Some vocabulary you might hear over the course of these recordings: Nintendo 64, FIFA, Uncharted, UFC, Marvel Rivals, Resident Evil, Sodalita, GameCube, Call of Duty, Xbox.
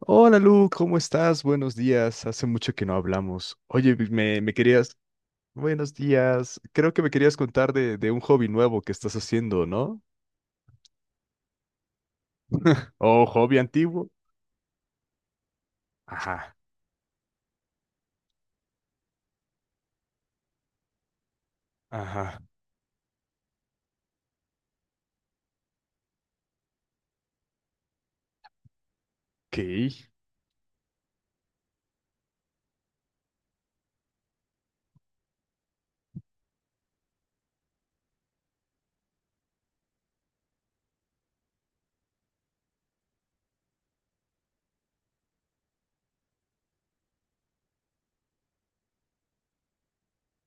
Hola Lu, ¿cómo estás? Buenos días. Hace mucho que no hablamos. Oye, me querías... Buenos días. Creo que me querías contar de un hobby nuevo que estás haciendo, ¿no? ¿O hobby antiguo? Ajá, ajá. Ok,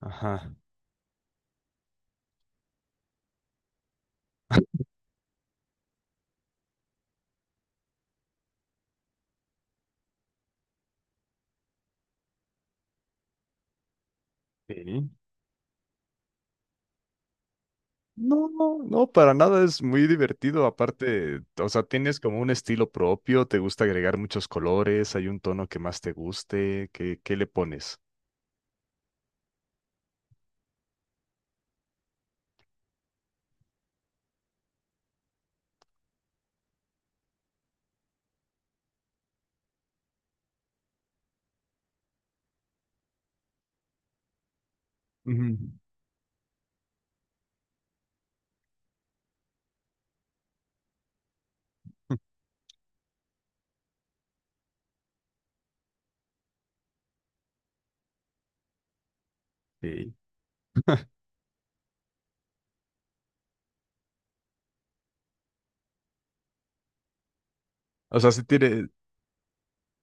ajá. Ok. No, no, no, para nada es muy divertido. Aparte, o sea, tienes como un estilo propio, te gusta agregar muchos colores, hay un tono que más te guste. ¿Qué le pones? Ujú. Ok. O sea, si tiene.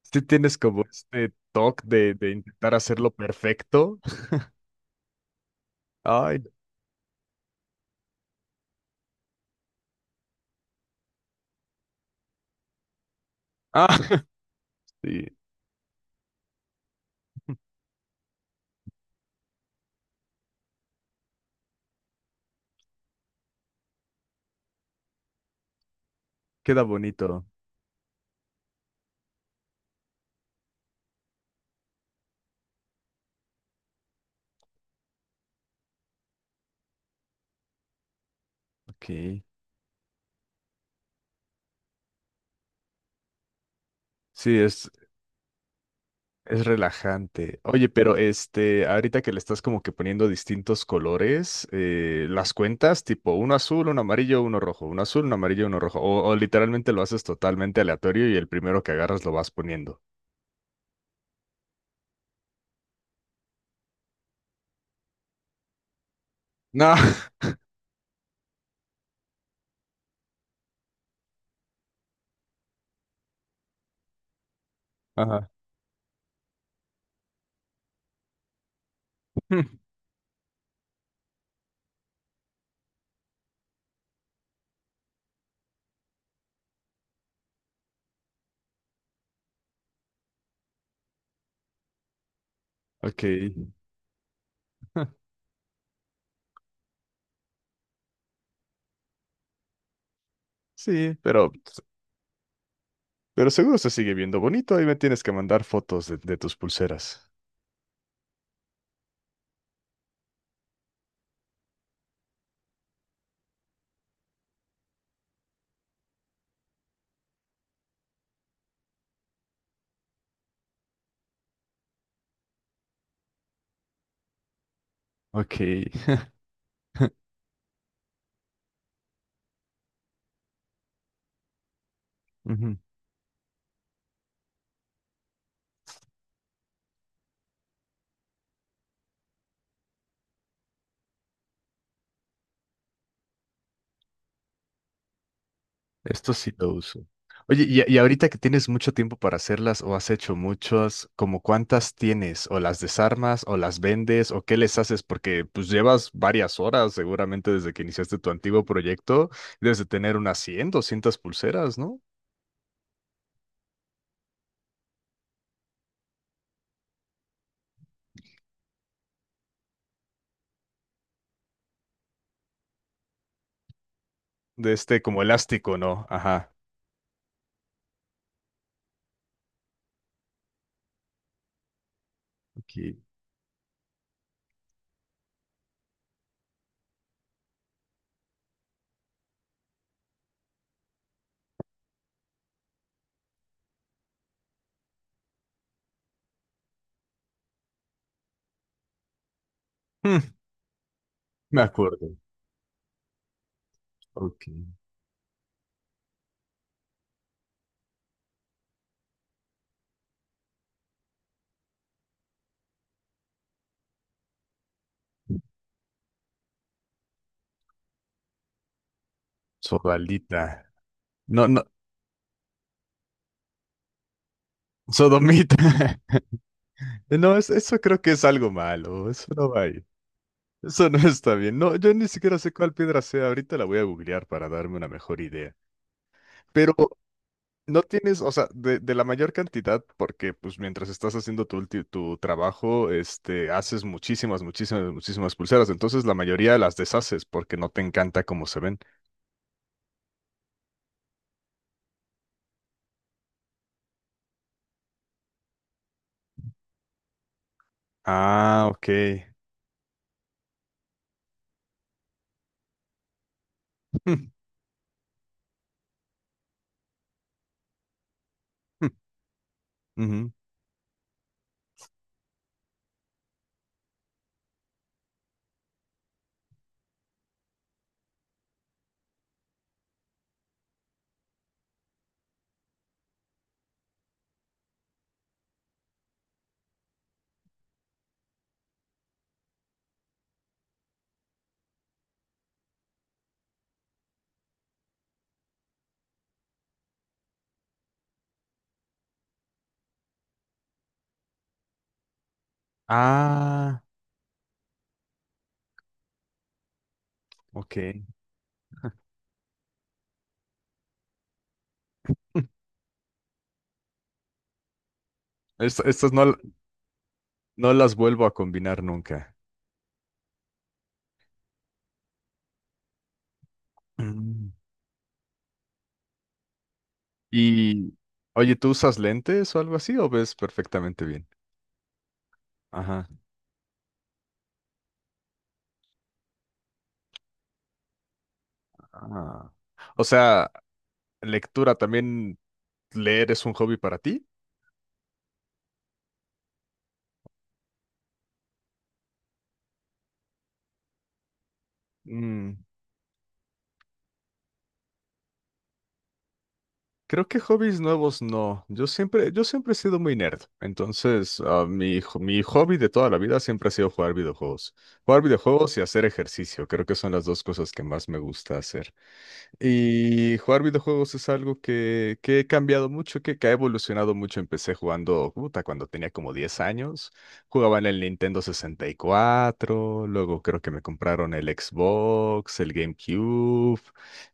Sí tienes como este toque de intentar hacerlo perfecto. Ay, no. Ah, sí, queda bonito. Ok. Sí, es relajante. Oye, pero este, ahorita que le estás como que poniendo distintos colores, las cuentas tipo uno azul, uno amarillo, uno rojo, uno azul, uno amarillo, uno rojo. O literalmente lo haces totalmente aleatorio y el primero que agarras lo vas poniendo. No. Ajá. Ok. Sí, pero seguro se sigue viendo bonito. Ahí me tienes que mandar fotos de tus pulseras. Ok, ujú. Esto sí lo uso. Oye, y ahorita que tienes mucho tiempo para hacerlas o has hecho muchas, ¿como cuántas tienes? ¿O las desarmas o las vendes o qué les haces? Porque pues llevas varias horas seguramente desde que iniciaste tu antiguo proyecto, debes de tener unas 100, 200 pulseras, ¿no? De este como elástico, ¿no? Ajá. Ok. Hmm, me acuerdo. Ok. Sodalita. No, no, sodomita. No, eso creo que es algo malo, eso no va ahí. Eso no está bien. No, yo ni siquiera sé cuál piedra sea. Ahorita la voy a googlear para darme una mejor idea. Pero no tienes, o sea, de la mayor cantidad, porque pues mientras estás haciendo tu, tu trabajo, este, haces muchísimas, muchísimas, muchísimas pulseras. Entonces la mayoría las deshaces porque no te encanta cómo se ven. Ah, ok. Mm, mm, ujú. Ah, ok. Estas no, no las vuelvo a combinar nunca. Y, oye, ¿tú usas lentes o algo así o ves perfectamente bien? Ajá. Ah. O sea, lectura también, leer es un hobby para ti. Mm, creo que hobbies nuevos no. Yo siempre he sido muy nerd. Entonces, ah, mi, mi hobby de toda la vida siempre ha sido jugar videojuegos. Jugar videojuegos y hacer ejercicio. Creo que son las dos cosas que más me gusta hacer. Y jugar videojuegos es algo que he cambiado mucho, que ha evolucionado mucho. Empecé jugando, puta, cuando tenía como 10 años. Jugaba en el Nintendo 64, luego creo que me compraron el Xbox, el GameCube.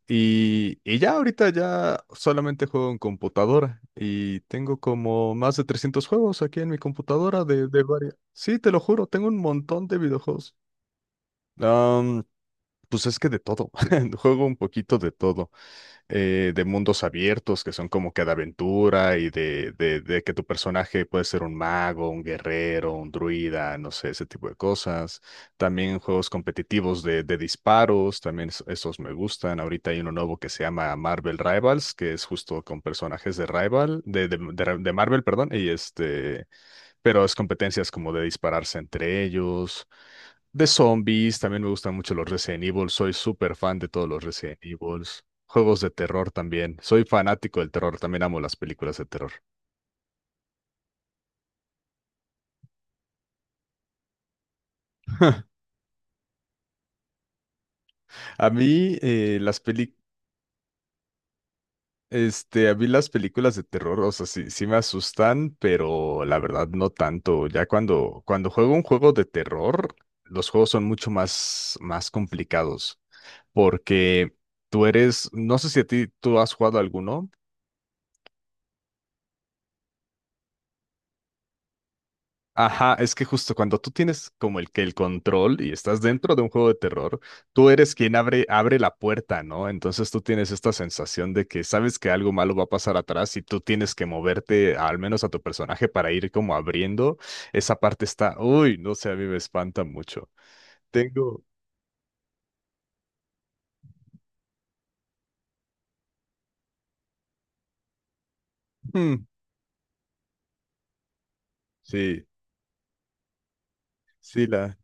Y ya ahorita ya solamente juego en computadora. Y tengo como más de 300 juegos aquí en mi computadora de varias. Sí, te lo juro, tengo un montón de videojuegos. Pues es que de todo, juego un poquito de todo, de mundos abiertos que son como que de aventura y de que tu personaje puede ser un mago, un guerrero, un druida, no sé, ese tipo de cosas. También juegos competitivos de disparos, también esos me gustan. Ahorita hay uno nuevo que se llama Marvel Rivals, que es justo con personajes de Rival, de de Marvel, perdón, y este pero es competencias como de dispararse entre ellos, de zombies, también me gustan mucho los Resident Evil, soy súper fan de todos los Resident Evils. Juegos de terror también. Soy fanático del terror, también amo las películas de terror. A mí, este, a mí las películas de terror, o sea, sí, sí me asustan, pero la verdad no tanto. Ya cuando juego un juego de terror, los juegos son mucho más, más complicados, porque tú eres, no sé si a ti tú has jugado alguno. Ajá, es que justo cuando tú tienes como el que el control y estás dentro de un juego de terror, tú eres quien abre la puerta, ¿no? Entonces tú tienes esta sensación de que sabes que algo malo va a pasar atrás y tú tienes que moverte, al menos a tu personaje, para ir como abriendo. Esa parte está, uy, no sé, a mí me espanta mucho. Tengo, hmm, sí, sí, la.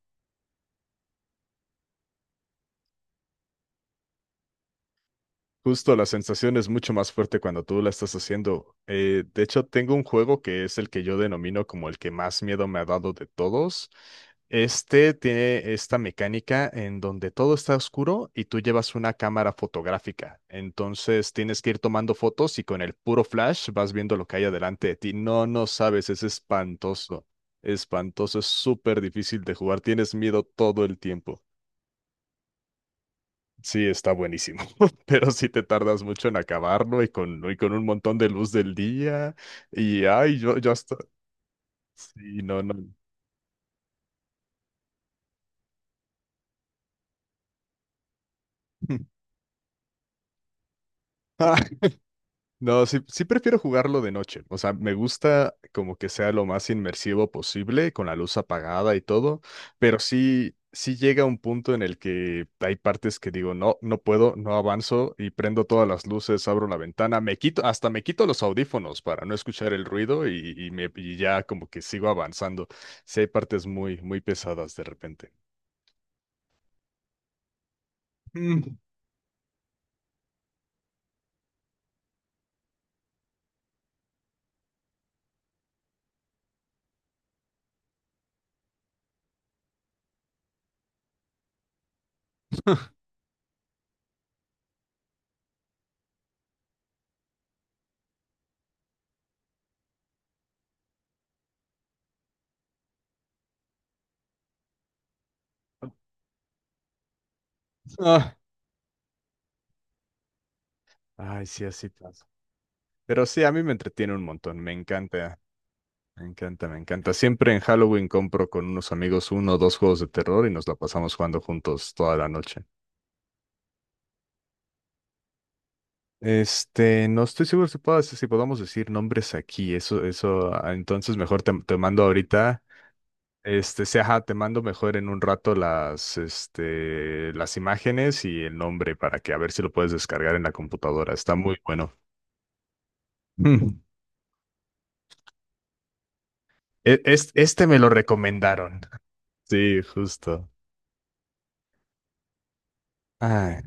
Justo la sensación es mucho más fuerte cuando tú la estás haciendo. De hecho, tengo un juego que es el que yo denomino como el que más miedo me ha dado de todos. Este tiene esta mecánica en donde todo está oscuro y tú llevas una cámara fotográfica. Entonces tienes que ir tomando fotos y con el puro flash vas viendo lo que hay adelante de ti. No, no sabes, es espantoso. Espantoso, es súper difícil de jugar. Tienes miedo todo el tiempo. Sí, está buenísimo, pero sí te tardas mucho en acabarlo y con un montón de luz del día. Y ay, yo hasta. Sí, no, no. No, sí, sí prefiero jugarlo de noche. O sea, me gusta como que sea lo más inmersivo posible, con la luz apagada y todo, pero sí, sí llega un punto en el que hay partes que digo, no, no puedo, no avanzo y prendo todas las luces, abro la ventana, me quito, hasta me quito los audífonos para no escuchar el ruido y ya como que sigo avanzando. Sí hay partes muy, muy pesadas de repente. Mm. Ah, ay, sí, así pasa. Pero sí, a mí me entretiene un montón, me encanta. Me encanta, me encanta. Siempre en Halloween compro con unos amigos uno o dos juegos de terror y nos la pasamos jugando juntos toda la noche. Este, no estoy seguro si si podamos decir nombres aquí. Eso, ah, entonces mejor te mando ahorita. Este, sí, ajá, te mando mejor en un rato las, este, las imágenes y el nombre para que a ver si lo puedes descargar en la computadora. Está muy bueno. Mm. Este, me lo recomendaron. Sí, justo. Ay.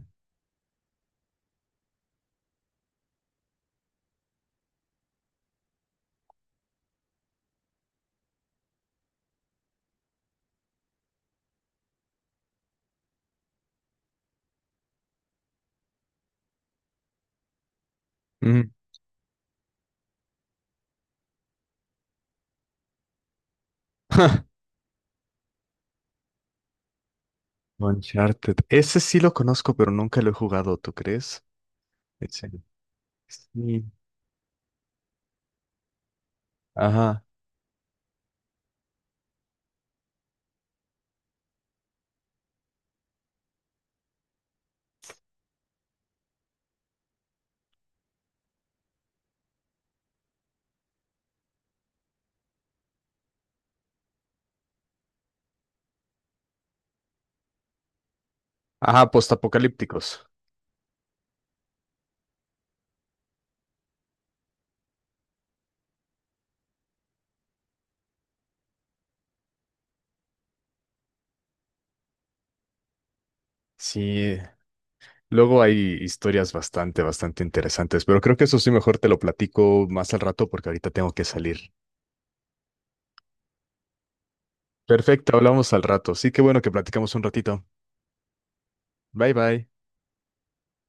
Mm. Uncharted. Ese sí lo conozco, pero nunca lo he jugado, ¿tú crees? Ese. Sí. Ajá. Ajá, postapocalípticos. Sí. Luego hay historias bastante, bastante interesantes, pero creo que eso sí mejor te lo platico más al rato porque ahorita tengo que salir. Perfecto, hablamos al rato. Sí, qué bueno que platicamos un ratito. Bye bye.